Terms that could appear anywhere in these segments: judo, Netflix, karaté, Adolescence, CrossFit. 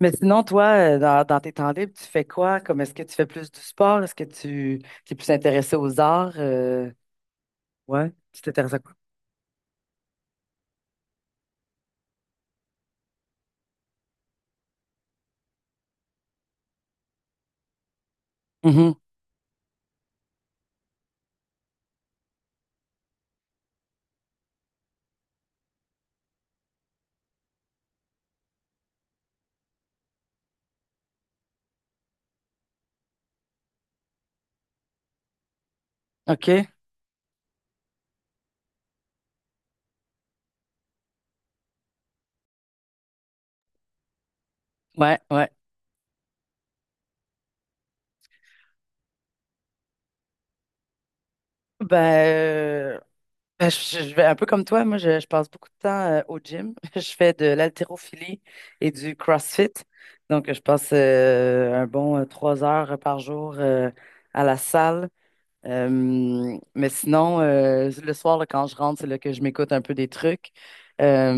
Mais sinon, toi, dans tes temps libres, tu fais quoi? Comme est-ce que tu fais plus du sport? Est-ce que tu es plus intéressé aux arts? Ouais, tu t'intéresses à quoi? Mhm. OK. Ouais, ouais. Ben, euh, ben, je vais un peu comme toi. Moi, je passe beaucoup de temps au gym. Je fais de l'haltérophilie et du CrossFit. Donc, je passe un bon 3 heures par jour à la salle. Mais sinon, le soir, là, quand je rentre, c'est là que je m'écoute un peu des trucs.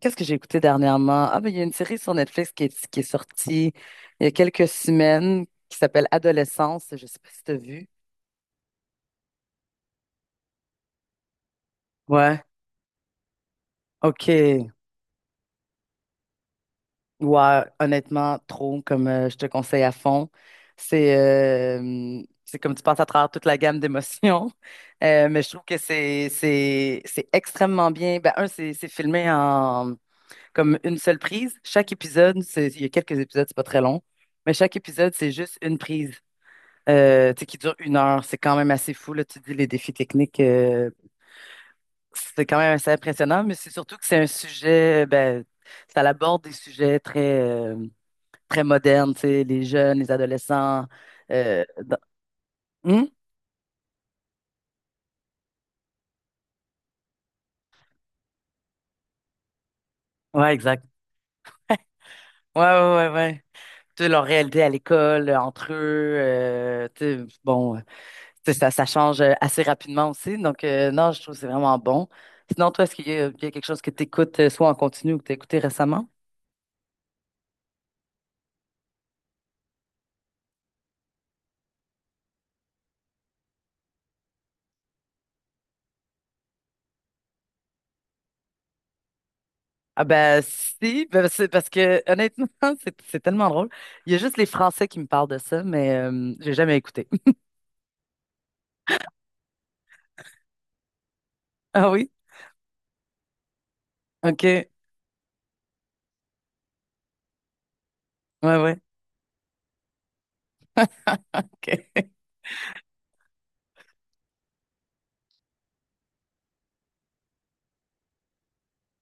Qu'est-ce que j'ai écouté dernièrement? Ah, ben, il y a une série sur Netflix qui est sortie il y a quelques semaines qui s'appelle Adolescence. Je sais pas si tu as vu. Ouais, OK. Ouais, honnêtement, trop, comme je te conseille à fond. C'est comme tu passes à travers toute la gamme d'émotions. Mais je trouve que c'est extrêmement bien. Ben, un, c'est filmé en comme une seule prise. Chaque épisode, c'est, il y a quelques épisodes, c'est pas très long, mais chaque épisode, c'est juste une prise tu sais, qui dure 1 heure. C'est quand même assez fou, là, tu dis les défis techniques, c'est quand même assez impressionnant, mais c'est surtout que c'est un sujet, ben, ça aborde des sujets très, très modernes, tu sais, les jeunes, les adolescents. Euh, dans- Hmm? Ouais, exact. Ouais, ouais, ouais, ouais. Tu sais, leur réalité à l'école, entre eux, tu sais, bon. C'est ça, ça change assez rapidement aussi. Donc, non, je trouve que c'est vraiment bon. Sinon, toi, est-ce qu'il y a quelque chose que tu écoutes soit en continu ou que tu as écouté récemment? Ah ben si, ben, c'est parce que honnêtement, c'est tellement drôle. Il y a juste les Français qui me parlent de ça, mais j'ai jamais écouté. Ah oui? OK. Ouais, ouais. OK.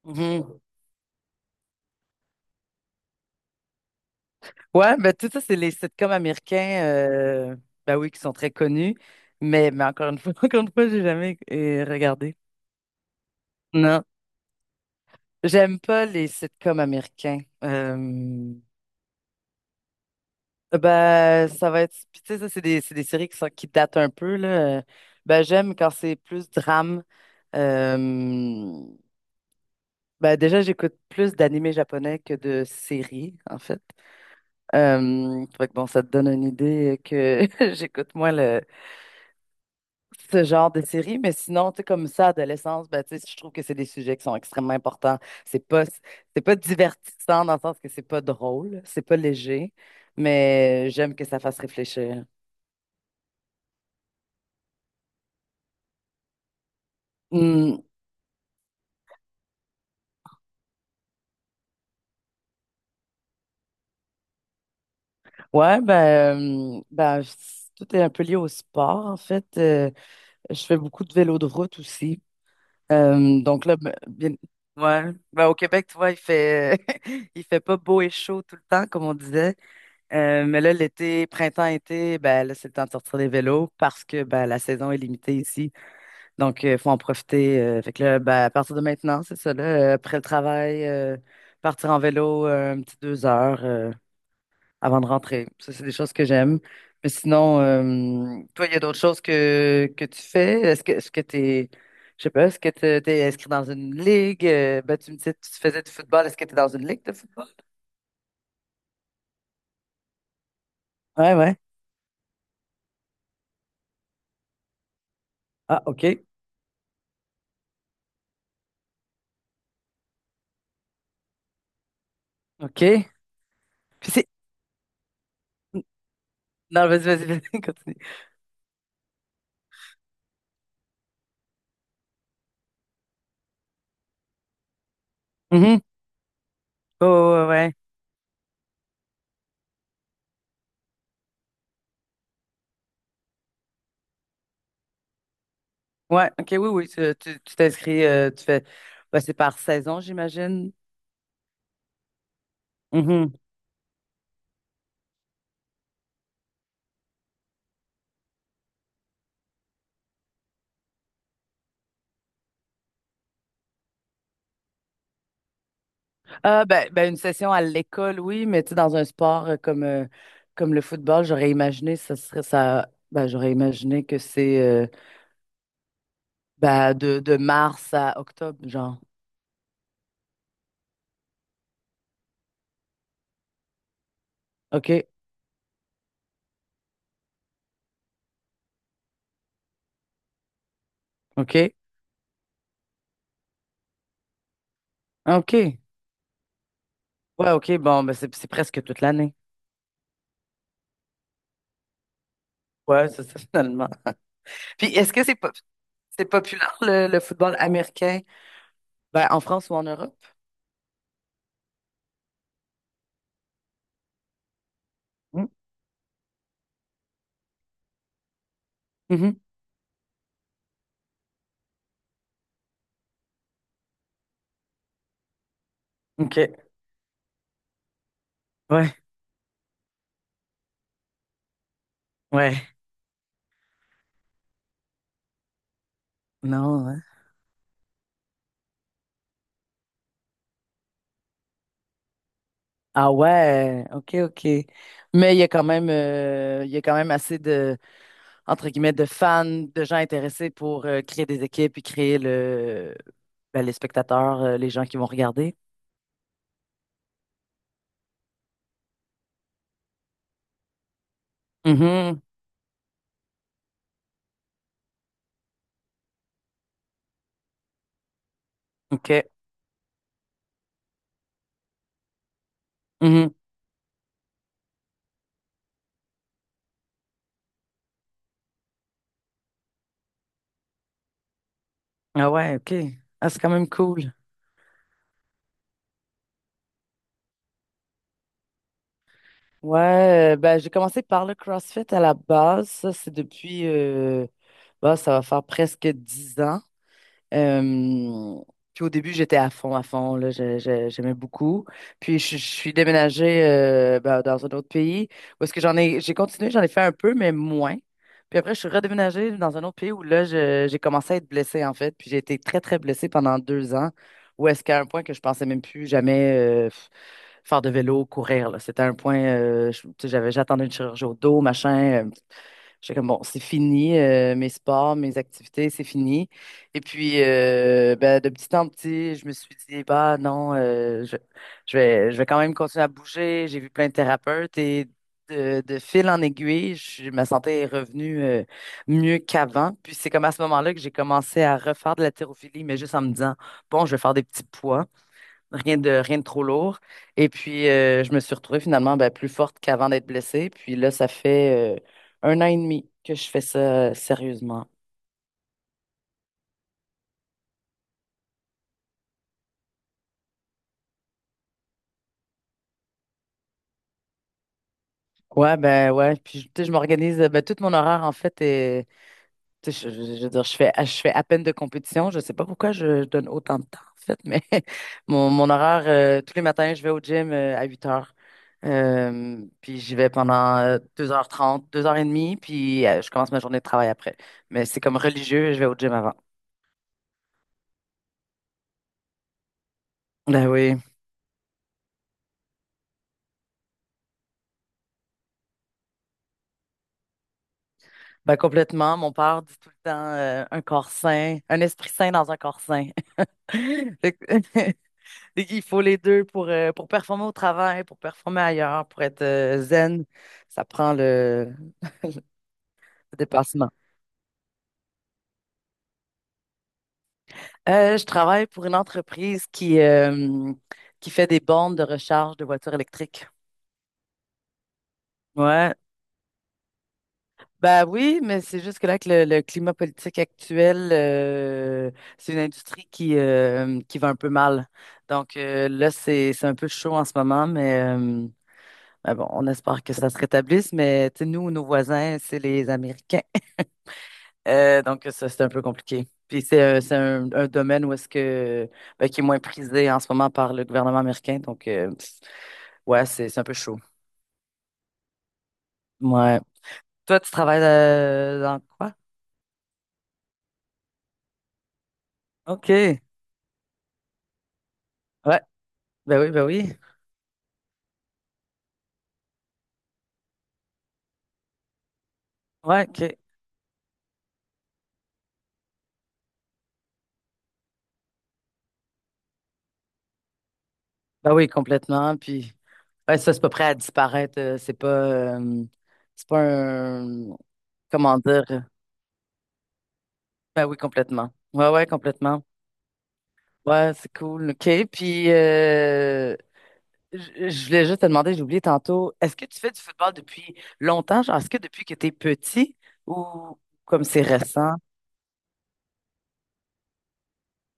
Ouais, ben tout ça, c'est les sitcoms américains, ben oui, qui sont très connus, mais, encore une fois, encore une fois, j'ai jamais regardé. Non, j'aime pas les sitcoms américains. Ben, ça va être, puis tu sais, ça, c'est des, séries qui datent un peu, là. Ben, j'aime quand c'est plus drame. Euh, ben, déjà, j'écoute plus d'animés japonais que de séries, en fait. Fait que bon, ça te donne une idée que j'écoute moins ce genre de série, mais sinon, tu sais, comme ça, adolescence, ben, tu sais, je trouve que c'est des sujets qui sont extrêmement importants. C'est pas, c'est pas divertissant dans le sens que c'est pas drôle, c'est pas léger, mais j'aime que ça fasse réfléchir. Hmm, ouais, euh, ben, c- tout est un peu lié au sport, en fait. Je fais beaucoup de vélo de route aussi. Donc là, ouais, ben, au Québec, tu vois, il fait pas beau et chaud tout le temps, comme on disait. Mais là, l'été, printemps-été, ben là, c'est le temps de sortir des vélos parce que ben, la saison est limitée ici. Donc, il faut en profiter. Fait que là, ben, à partir de maintenant, c'est ça, là, après le travail, partir en vélo un petit 2 heures avant de rentrer. Ça, c'est des choses que j'aime. Mais sinon, toi, il y a d'autres choses que tu fais? Est-ce que t'es, je sais pas, t'es inscrit dans une ligue? Ben, tu me disais que tu faisais du football. Est-ce que tu es dans une ligue de football? Ouais, ouais. Ah, OK. OK. Puis. Non, vas-y, vas-y, vas-y, continue. Mhm. Oh, ouais, ouais. Ouais, ouais, ok, oui, oui, tu t'inscris, bah, c'est par saison, j'imagine. Mhm. Ah, ben, une session à l'école, oui, mais tu sais, dans un sport comme le football, j'aurais imaginé, ça serait ça, ben, j'aurais imaginé que c'est ben, de mars à octobre, genre. OK, OK, OK. Ouais, OK, bon, ben, c'est presque toute l'année. Ouais, c'est ça, finalement. Puis, est-ce que c'est populaire, le football américain? Ben, en France ou en Europe? Hmm. Mhm. OK. Ouais, ouais. Non, ouais. Ah ouais, OK, OK. Mais il y a quand même assez de entre guillemets de fans, de gens intéressés pour créer des équipes et créer le ben, les spectateurs, les gens qui vont regarder. Mhm. OK. Mhm. Ah ouais, OK. Ah, c'est quand même cool. Ouais, ben j'ai commencé par le CrossFit à la base. Ça, c'est depuis bah, ça va faire presque 10 ans. Euh, Puis au début, j'étais à fond, là, j'aimais beaucoup. Puis je suis déménagée ben, dans un autre pays où est-ce que j'ai continué, j'en ai fait un peu, mais moins. Puis après, je suis redéménagée dans un autre pays où là, j'ai commencé à être blessée, en fait. Puis j'ai été très, très blessée pendant 2 ans, où est-ce qu'à un point que je pensais même plus jamais faire de vélo, courir, là. C'était un point, tu sais, j'attendais une chirurgie au dos, machin. J'étais comme, bon, c'est fini, mes sports, mes activités, c'est fini. Et puis, ben, de petit en petit, je me suis dit, bah non, je vais quand même continuer à bouger. J'ai vu plein de thérapeutes et de fil en aiguille, ma santé est revenue mieux qu'avant. Puis c'est comme à ce moment-là que j'ai commencé à refaire de la thérophilie, mais juste en me disant, bon, je vais faire des petits poids. Rien de trop lourd. Et puis, je me suis retrouvée finalement ben, plus forte qu'avant d'être blessée. Puis là, ça fait 1 an et demi que je fais ça sérieusement. Ouais, ben ouais. Puis, tu sais, je m'organise. Ben, tout mon horaire, en fait, est, tu sais, je veux dire, je fais à peine de compétition. Je sais pas pourquoi je donne autant de temps, en fait, mais mon horaire, tous les matins, je vais au gym à 8 heures. Puis j'y vais pendant 2h30, 2h30, puis je commence ma journée de travail après. Mais c'est comme religieux, je vais au gym avant. Ben oui, ben complètement. Mon père dit tout le temps un corps sain, un esprit sain dans un corps sain. Fait que- Il faut les deux pour performer au travail, pour performer ailleurs, pour être zen. Ça prend le, dépassement. Je travaille pour une entreprise qui fait des bornes de recharge de voitures électriques. Ouais. Ben oui, mais c'est juste que là, que le climat politique actuel, c'est une industrie qui va un peu mal. Donc là, c'est un peu chaud en ce moment, mais ben bon, on espère que ça se rétablisse. Mais tu sais, nous, nos voisins, c'est les Américains. Donc ça, c'est un peu compliqué. Puis c'est un, domaine où est-ce que, ben, qui est moins prisé en ce moment par le gouvernement américain. Donc pff, ouais, c'est un peu chaud. Ouais. Toi, tu travailles dans quoi? OK. Ouais. Ben oui, ben oui. Ouais, OK. Ben oui, complètement. Puis, ouais, ça, c'est pas prêt à disparaître. Euh, c'est pas un, comment dire? Ben oui, complètement. Ouais, ouais, complètement. Ouais, c'est cool. OK. Puis, je voulais juste te demander, j'ai oublié tantôt, est-ce que tu fais du football depuis longtemps? Genre, est-ce que depuis que t'es petit ou comme c'est récent?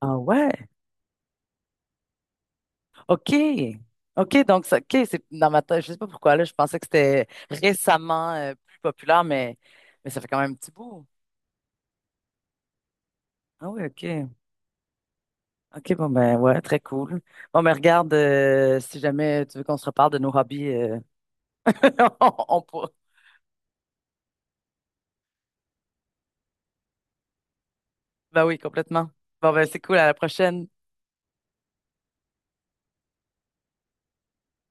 Ah ouais? OK. OK, donc ça, OK, c'est dans ma tête, je sais pas pourquoi là, je pensais que c'était récemment plus populaire, mais, ça fait quand même un petit bout. Ah oui, OK. OK, bon ben ouais, très cool. Bon, mais regarde, si jamais tu veux qu'on se reparle de nos hobbies, on pourra. Ben oui, complètement. Bon ben c'est cool, à la prochaine.